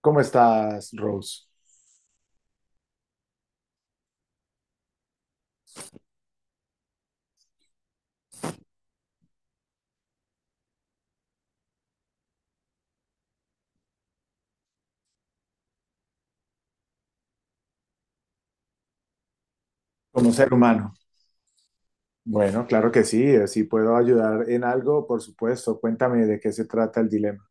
¿Cómo estás, Rose? Como ser humano. Bueno, claro que sí. Si puedo ayudar en algo, por supuesto. Cuéntame de qué se trata el dilema.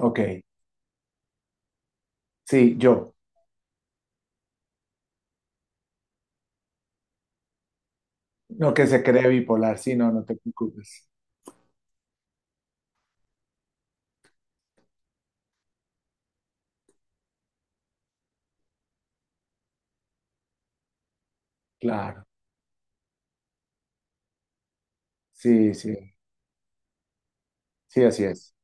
Ok. Sí, yo. No que se cree bipolar. Sí, no, no te preocupes. Claro. Sí, sí. Sí, así es.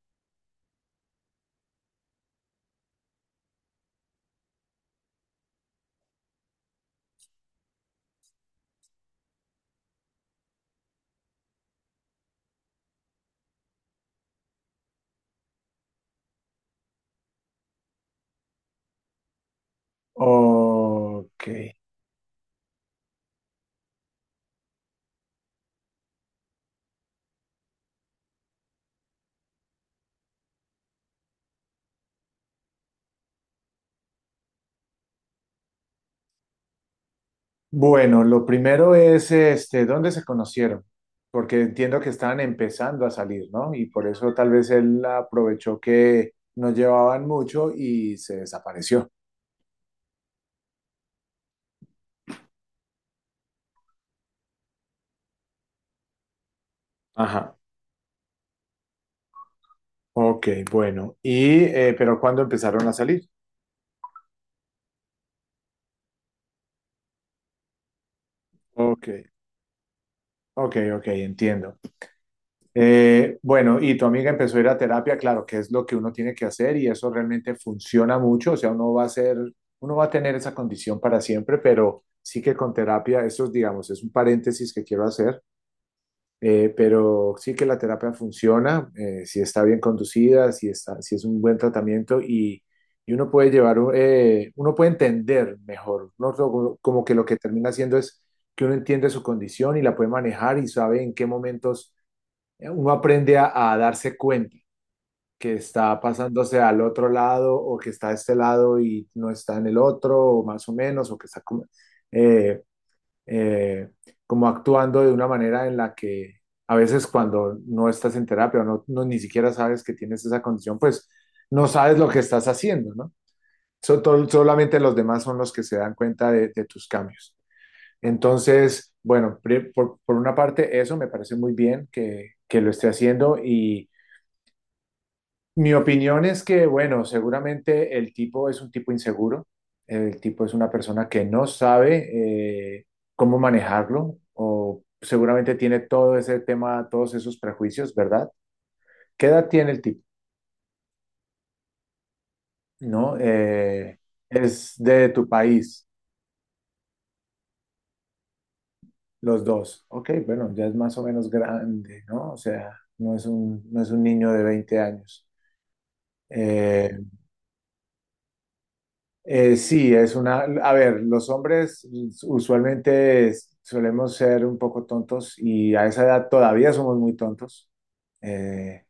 Ok. Bueno, lo primero es, este, ¿dónde se conocieron? Porque entiendo que estaban empezando a salir, ¿no? Y por eso tal vez él aprovechó que no llevaban mucho y se desapareció. Ajá. Ok, bueno. Y, pero ¿cuándo empezaron a salir? Ok, ok, ok, entiendo. Bueno, y tu amiga empezó a ir a terapia, claro, que es lo que uno tiene que hacer y eso realmente funciona mucho, o sea, uno va a ser, uno va a tener esa condición para siempre, pero sí que con terapia, eso, es, digamos, es un paréntesis que quiero hacer. Pero sí que la terapia funciona, si está bien conducida, si está, si es un buen tratamiento y uno puede llevar, uno puede entender mejor, ¿no? Como que lo que termina haciendo es que uno entiende su condición y la puede manejar y sabe en qué momentos uno aprende a darse cuenta que está pasándose al otro lado o que está a este lado y no está en el otro, o más o menos, o que está como eh, eh, como actuando de una manera en la que a veces cuando no estás en terapia o no, no ni siquiera sabes que tienes esa condición, pues no sabes lo que estás haciendo, ¿no? Solamente los demás son los que se dan cuenta de tus cambios. Entonces, bueno, por una parte eso me parece muy bien que lo esté haciendo y mi opinión es que, bueno, seguramente el tipo es un tipo inseguro, el tipo es una persona que no sabe cómo manejarlo o seguramente tiene todo ese tema, todos esos prejuicios, ¿verdad? ¿Qué edad tiene el tipo? ¿No? Es de tu país, los dos. Ok, bueno, ya es más o menos grande, ¿no? O sea, no es un niño de 20 años. Eh, sí, es una... A ver, los hombres usualmente solemos ser un poco tontos y a esa edad todavía somos muy tontos. Eh,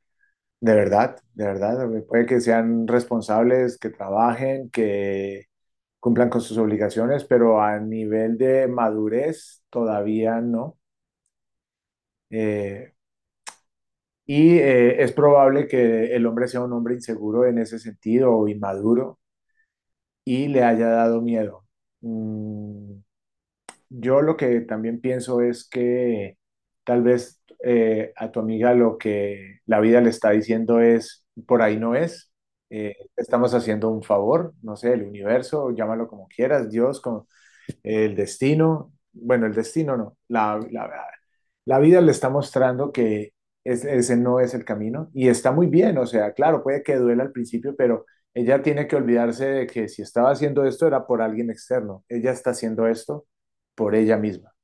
de verdad, de verdad. Puede que sean responsables, que trabajen, que cumplan con sus obligaciones, pero a nivel de madurez todavía no. Eh, y es probable que el hombre sea un hombre inseguro en ese sentido o inmaduro y le haya dado miedo. Mm, Yo lo que también pienso es que tal vez a tu amiga lo que la vida le está diciendo es, por ahí no es, estamos haciendo un favor, no sé, el universo, llámalo como quieras, Dios, como, el destino, bueno, el destino no, la vida le está mostrando que ese no es el camino y está muy bien, o sea, claro, puede que duela al principio, pero ella tiene que olvidarse de que si estaba haciendo esto era por alguien externo, ella está haciendo esto por ella misma,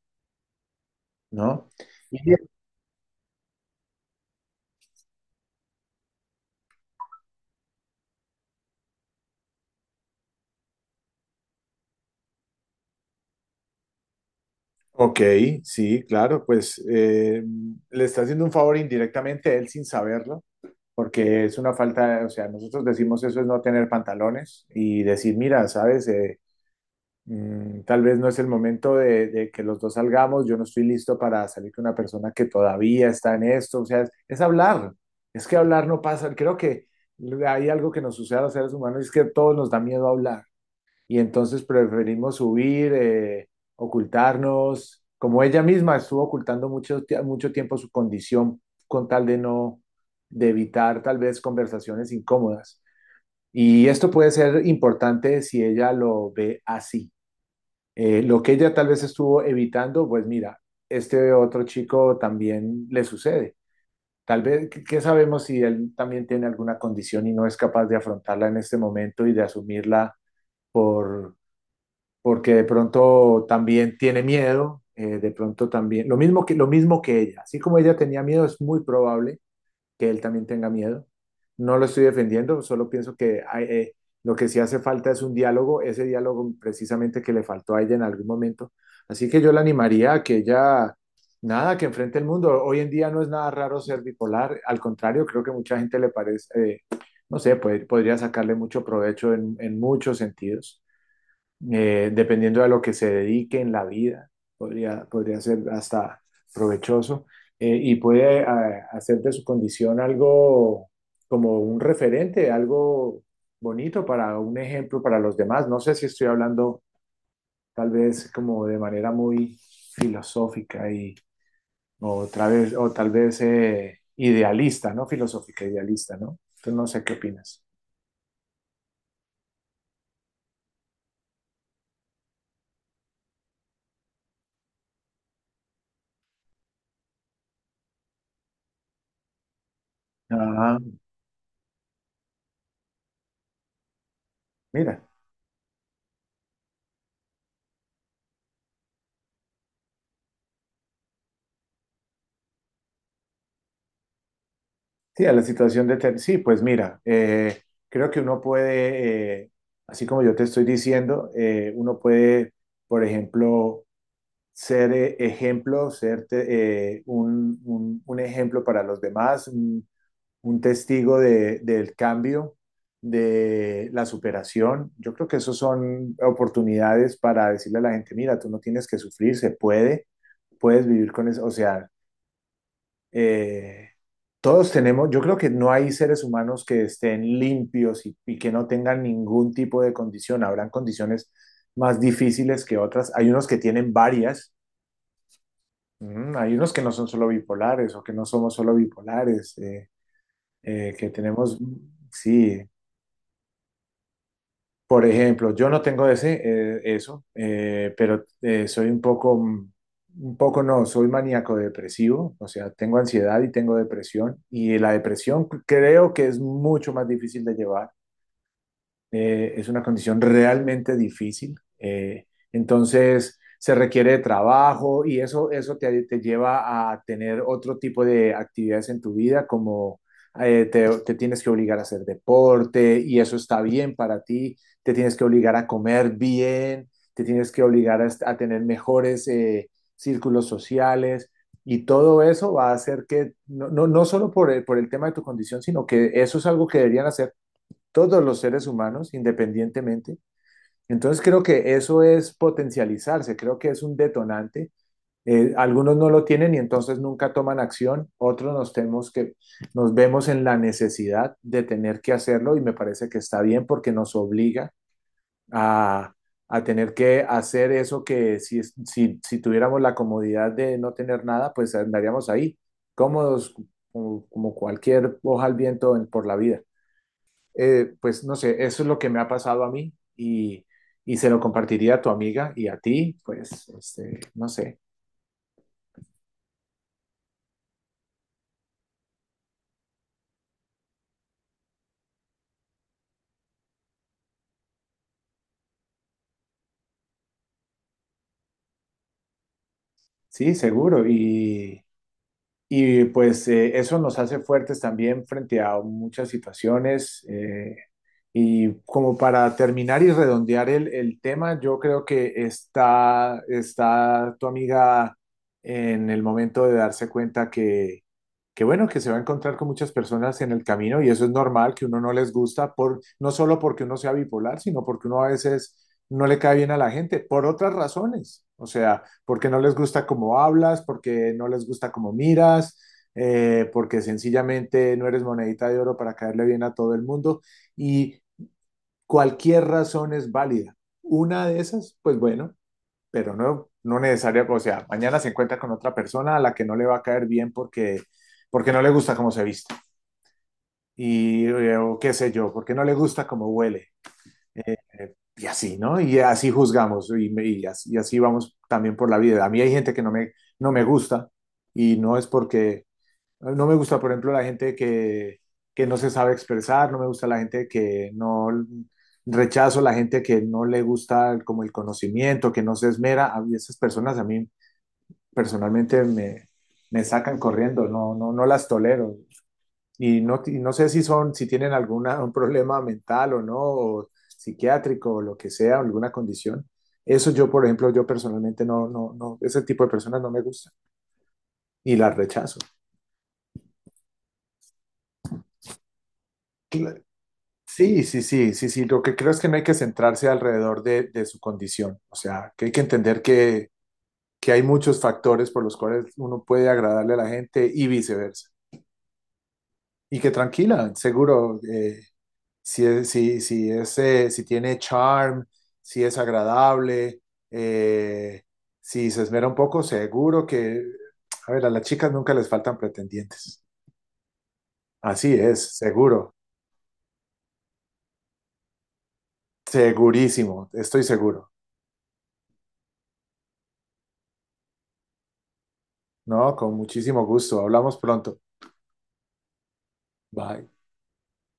¿no? Y bien, ok, sí, claro, pues le está haciendo un favor indirectamente a él sin saberlo, porque es una falta, o sea, nosotros decimos eso es no tener pantalones y decir, mira, sabes, tal vez no es el momento de que los dos salgamos, yo no estoy listo para salir con una persona que todavía está en esto, o sea, es hablar, es que hablar no pasa, creo que hay algo que nos sucede a los seres humanos, es que a todos nos da miedo hablar y entonces preferimos huir, ocultarnos, como ella misma estuvo ocultando mucho, mucho tiempo su condición con tal de no, de evitar tal vez conversaciones incómodas. Y esto puede ser importante si ella lo ve así. Lo que ella tal vez estuvo evitando, pues mira, este otro chico también le sucede. Tal vez, ¿ qué sabemos si él también tiene alguna condición y no es capaz de afrontarla en este momento y de asumirla por, porque de pronto también tiene miedo, de pronto también, lo mismo que ella, así como ella tenía miedo, es muy probable que él también tenga miedo. No lo estoy defendiendo, solo pienso que hay, lo que sí hace falta es un diálogo, ese diálogo precisamente que le faltó a ella en algún momento. Así que yo la animaría a que ella, nada, que enfrente el mundo. Hoy en día no es nada raro ser bipolar, al contrario, creo que mucha gente le parece, no sé, puede, podría sacarle mucho provecho en muchos sentidos dependiendo de lo que se dedique en la vida, podría ser hasta provechoso y puede hacer de su condición algo como un referente, algo bonito para un ejemplo para los demás. No sé si estoy hablando tal vez como de manera muy filosófica y o otra vez o tal vez idealista, ¿no? Filosófica, idealista, ¿no? Entonces no sé qué opinas. Ah, mira. Sí, a la situación de sí, pues mira, creo que uno puede, así como yo te estoy diciendo, uno puede, por ejemplo, ser un ejemplo para los demás, un testigo del cambio, de la superación. Yo creo que esos son oportunidades para decirle a la gente, mira, tú no tienes que sufrir, se puede, puedes vivir con eso, o sea eh, todos tenemos, yo creo que no hay seres humanos que estén limpios y que no tengan ningún tipo de condición. Habrán condiciones más difíciles que otras. Hay unos que tienen varias, hay unos que no son solo bipolares o que no somos solo bipolares, que tenemos, sí, por ejemplo, yo no tengo ese, eso, pero soy un poco, un poco no, soy maníaco depresivo, o sea, tengo ansiedad y tengo depresión, y la depresión creo que es mucho más difícil de llevar es una condición realmente difícil. eh, entonces, se requiere de trabajo y eso te lleva a tener otro tipo de actividades en tu vida, como te tienes que obligar a hacer deporte y eso está bien para ti, te tienes que obligar a comer bien, te tienes que obligar a, a tener mejores círculos sociales. Y todo eso va a hacer que, no, no, no solo por el tema de tu condición, sino que eso es algo que deberían hacer todos los seres humanos independientemente. Entonces creo que eso es potencializarse, creo que es un detonante. Algunos no lo tienen y entonces nunca toman acción, tenemos que, nos vemos en la necesidad de tener que hacerlo y me parece que está bien porque nos obliga a, a tener que hacer eso que si tuviéramos la comodidad de no tener nada, pues andaríamos ahí, cómodos como, como cualquier hoja al viento por la vida pues no sé, eso es lo que me ha pasado a mí y se lo compartiría a tu amiga y a ti, pues, este, no sé, sí, seguro. Y pues eso nos hace fuertes también frente a muchas situaciones. Y como para terminar y redondear el tema, yo creo que está, está tu amiga en el momento de darse cuenta que, bueno, que se va a encontrar con muchas personas en el camino y eso es normal, que uno no les gusta, por, no solo porque uno sea bipolar, sino porque uno a veces no le cae bien a la gente, por otras razones. O sea, porque no les gusta cómo hablas, porque no les gusta cómo miras, porque sencillamente no eres monedita de oro para caerle bien a todo el mundo. Y cualquier razón es válida. Una de esas, pues bueno, pero no, no necesaria, o sea, mañana se encuentra con otra persona a la que no le va a caer bien porque, porque no le gusta cómo se viste y o qué sé yo, porque no le gusta cómo huele. Y así, ¿no? Y así juzgamos y, así, vamos también por la vida. A mí hay gente que no me gusta y no es porque ah, no me gusta, por ejemplo, la gente que no se sabe expresar, no me gusta la gente que no rechazo, la gente que no le gusta como el conocimiento, que no se esmera. A mí esas personas a mí personalmente me, me sacan corriendo, no, no, no las tolero. Y no sé si son, si tienen algún problema mental o no, o psiquiátrico o lo que sea, alguna condición. Eso yo, por ejemplo, yo personalmente no, no, no, ese tipo de personas no me gusta y las rechazo. Sí, sí, sí, sí, sí. Lo que creo es que no hay que centrarse alrededor de su condición. O sea, que hay que entender que hay muchos factores por los cuales uno puede agradarle a la gente y viceversa. Y que tranquila, seguro, si es, si es, si tiene charm, si es agradable, eh, si se esmera un poco, seguro que, a ver, a las chicas nunca les faltan pretendientes. Así es, seguro, segurísimo, estoy seguro. No, con muchísimo gusto. Hablamos pronto. Bye.